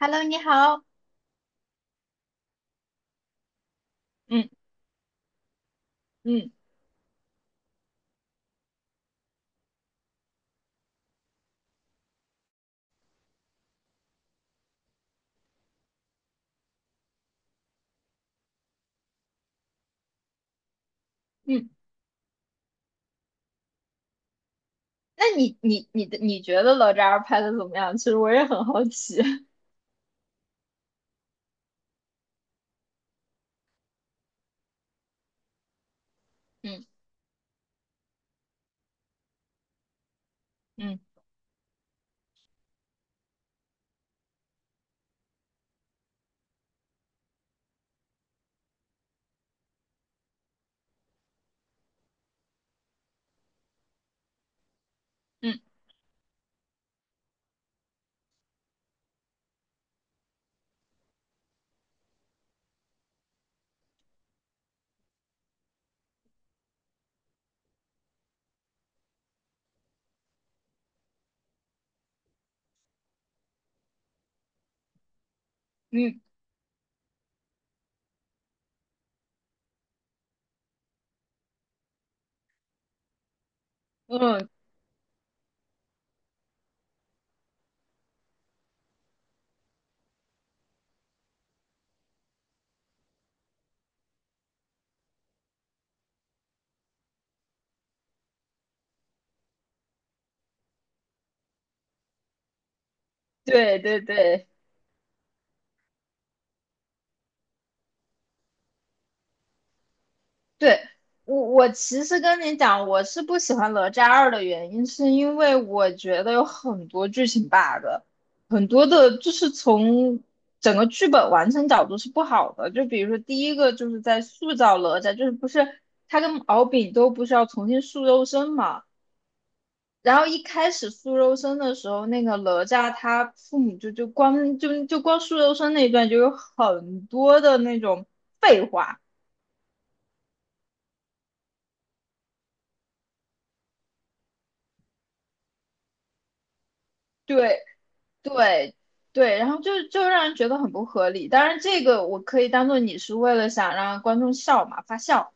Hello，你好。嗯。嗯嗯，那你的觉得哪吒拍的怎么样？其实我也很好奇。嗯。嗯嗯嗯嗯，对对对对。我其实跟你讲，我是不喜欢哪吒二的原因，是因为我觉得有很多剧情 bug，很多的就是从整个剧本完成角度是不好的。就比如说第一个就是在塑造哪吒，就是不是他跟敖丙都不是要重新塑肉身嘛？然后一开始苏柔生的时候，那个哪吒他父母就光苏柔生那一段就有很多的那种废话。对对对，然后就就让人觉得很不合理。当然，这个我可以当做你是为了想让观众笑嘛发笑，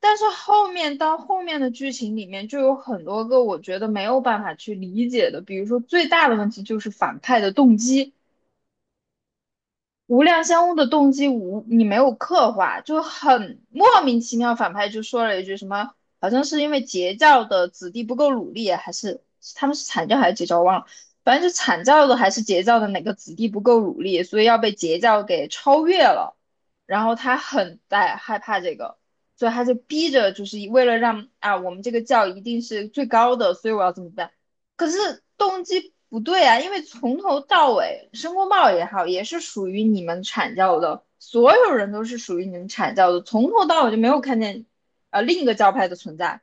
但是后面到后面的剧情里面就有很多个我觉得没有办法去理解的，比如说最大的问题就是反派的动机。无量相翁的动机无你没有刻画，就很莫名其妙。反派就说了一句什么，好像是因为截教的子弟不够努力，还是他们是阐教还是截教，忘了。反正就阐教的还是截教的哪个子弟不够努力，所以要被截教给超越了。然后他很在害怕这个，所以他就逼着，就是为了让啊我们这个教一定是最高的，所以我要怎么办？可是动机不对啊，因为从头到尾，申公豹也好，也是属于你们阐教的，所有人都是属于你们阐教的，从头到尾就没有看见另一个教派的存在。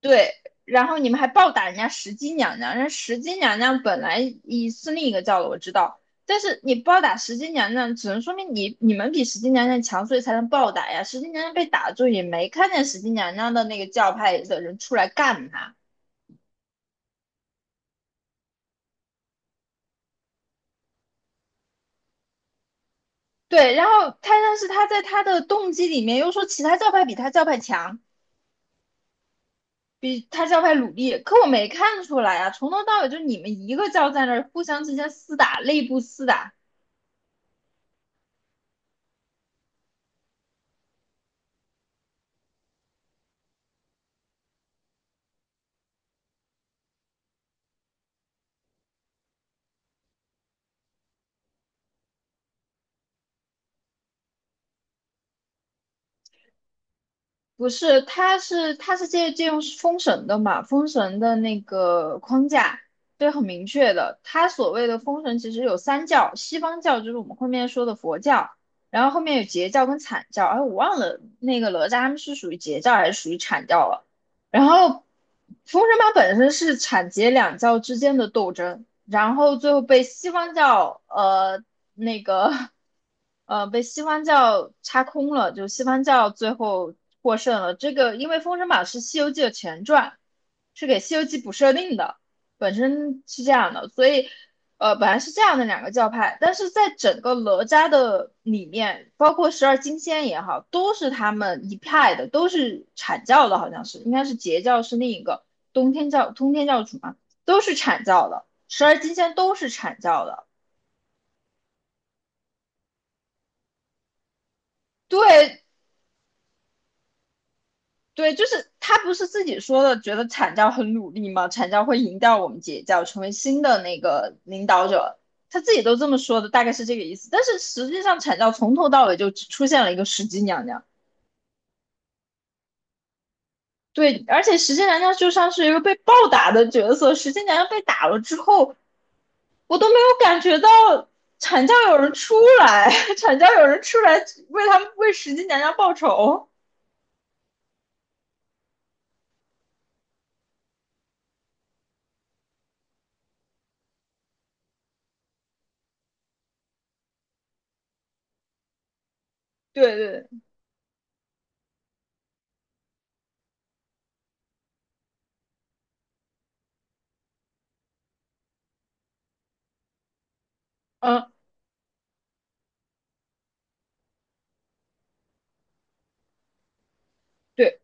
对，然后你们还暴打人家石矶娘娘，人家石矶娘娘本来一是另一个教的，我知道，但是你暴打石矶娘娘，只能说明你们比石矶娘娘强，所以才能暴打呀。石矶娘娘被打住，也没看见石矶娘娘的那个教派的人出来干她。对，然后他但是他在他的动机里面又说其他教派比他教派强，比他教派努力，可我没看出来啊，从头到尾就你们一个教在那儿互相之间厮打，内部厮打。不是，它是借用封神的嘛，封神的那个框架，对，很明确的。它所谓的封神其实有三教，西方教就是我们后面说的佛教，然后后面有截教跟阐教，哎，我忘了那个哪吒他们是属于截教还是属于阐教了。然后封神榜本身是阐截两教之间的斗争，然后最后被西方教那个被西方教插空了，就西方教最后获胜了。这个因为《封神榜》是《西游记》的前传，是给《西游记》补设定的，本身是这样的，所以本来是这样的两个教派，但是在整个哪吒的里面，包括十二金仙也好，都是他们一派的，都是阐教的，好像是应该是截教是另一个通天教主嘛，都是阐教的，十二金仙都是阐教的。对。对，就是他不是自己说的，觉得阐教很努力吗？阐教会赢掉我们截教，成为新的那个领导者，他自己都这么说的，大概是这个意思。但是实际上，阐教从头到尾就只出现了一个石矶娘娘，对，而且石矶娘娘就像是一个被暴打的角色，石矶娘娘被打了之后，我都没有感觉到阐教有人出来，阐教有人出来为他们为石矶娘娘报仇。对对。嗯。对。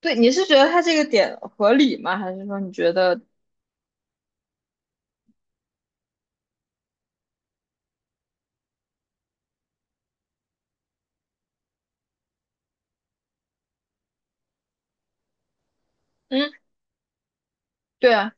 对，你是觉得他这个点合理吗？还是说你觉得，嗯，对啊，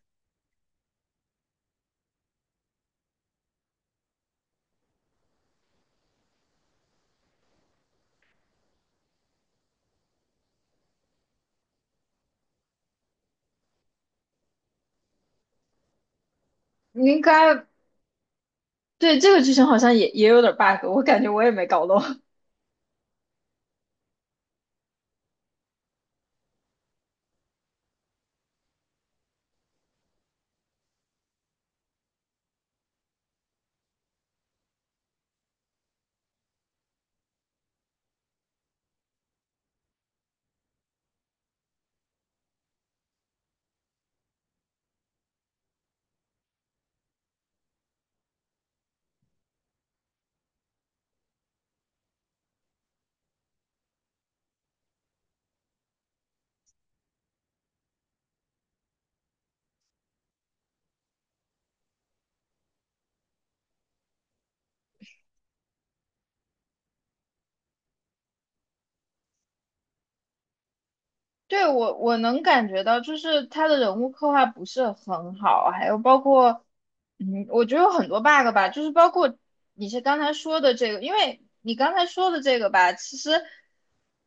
你应该对这个剧情好像也也有点 bug，我感觉我也没搞懂。对，我能感觉到，就是他的人物刻画不是很好，还有包括，嗯，我觉得有很多 bug 吧，就是包括你是刚才说的这个，因为你刚才说的这个吧，其实，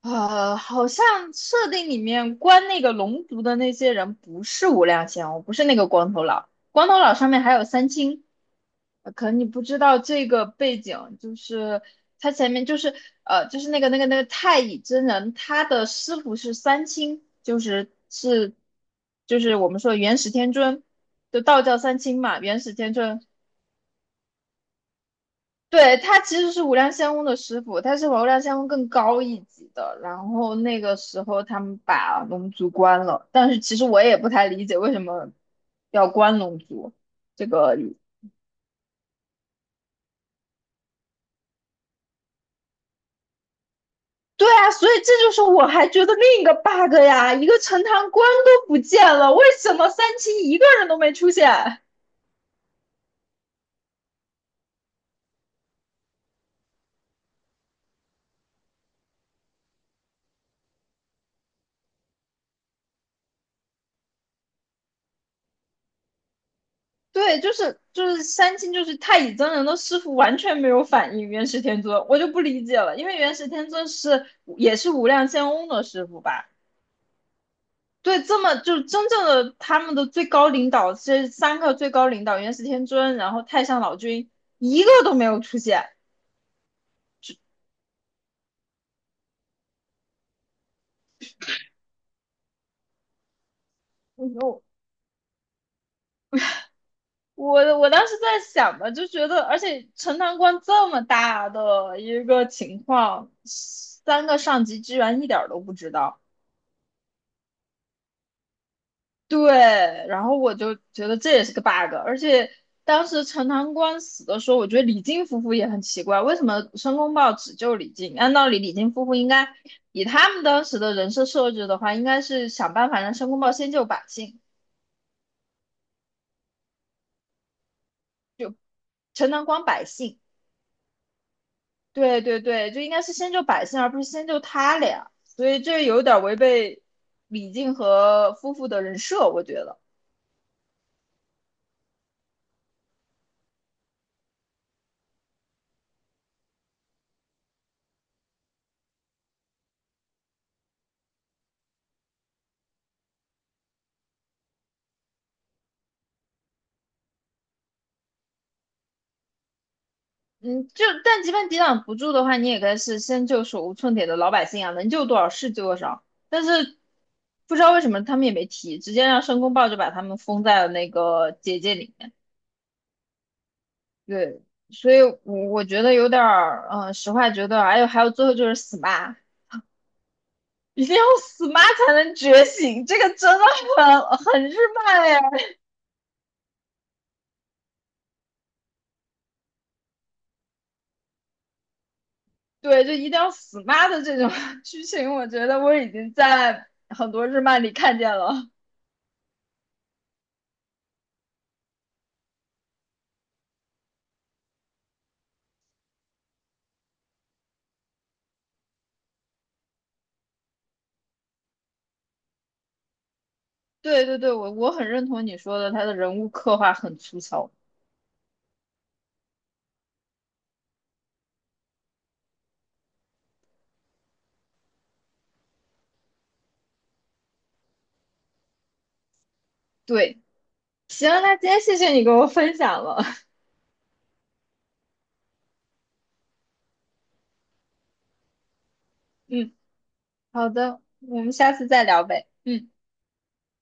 好像设定里面关那个龙族的那些人不是无量仙翁，不是那个光头佬。光头佬上面还有三清，可能你不知道这个背景，就是他前面就是就是那个太乙真人，他的师傅是三清，就是我们说的元始天尊，就道教三清嘛，元始天尊。对，他其实是无量仙翁的师傅，他是无量仙翁更高一级的。然后那个时候他们把龙族关了，但是其实我也不太理解为什么要关龙族。这个对啊，所以这就是我还觉得另一个 bug 呀，一个陈塘关都不见了，为什么三清一个人都没出现？对，就是三清就是太乙真人的师傅完全没有反应元始天尊，我就不理解了，因为元始天尊是也是无量仙翁的师傅吧？对，这么就是真正的他们的最高领导，这三个最高领导元始天尊，然后太上老君一个都没有出现。我我当时在想嘛，就觉得，而且陈塘关这么大的一个情况，三个上级居然一点儿都不知道。对，然后我就觉得这也是个 bug，而且当时陈塘关死的时候，我觉得李靖夫妇也很奇怪，为什么申公豹只救李靖？按道理李靖夫妇应该以他们当时的人设设置的话，应该是想办法让申公豹先救百姓，陈塘关百姓。对对对，就应该是先救百姓，而不是先救他俩，所以这有点违背李靖和夫妇的人设，我觉得。嗯，就但即便抵挡不住的话，你也该是先救手无寸铁的老百姓啊，能救多少是救多少。但是不知道为什么他们也没提，直接让申公豹就把他们封在了那个结界里面。对，所以我觉得有点儿，嗯，实话觉得，哎呦，还有最后就是死妈，一定要死妈才能觉醒，这个真的很很日漫呀。对，就一定要死妈的这种 剧情，我觉得我已经在很多日漫里看见了。对对对，我很认同你说的，他的人物刻画很粗糙。对，行，那今天谢谢你给我分享了。嗯，好的，我们下次再聊呗。嗯。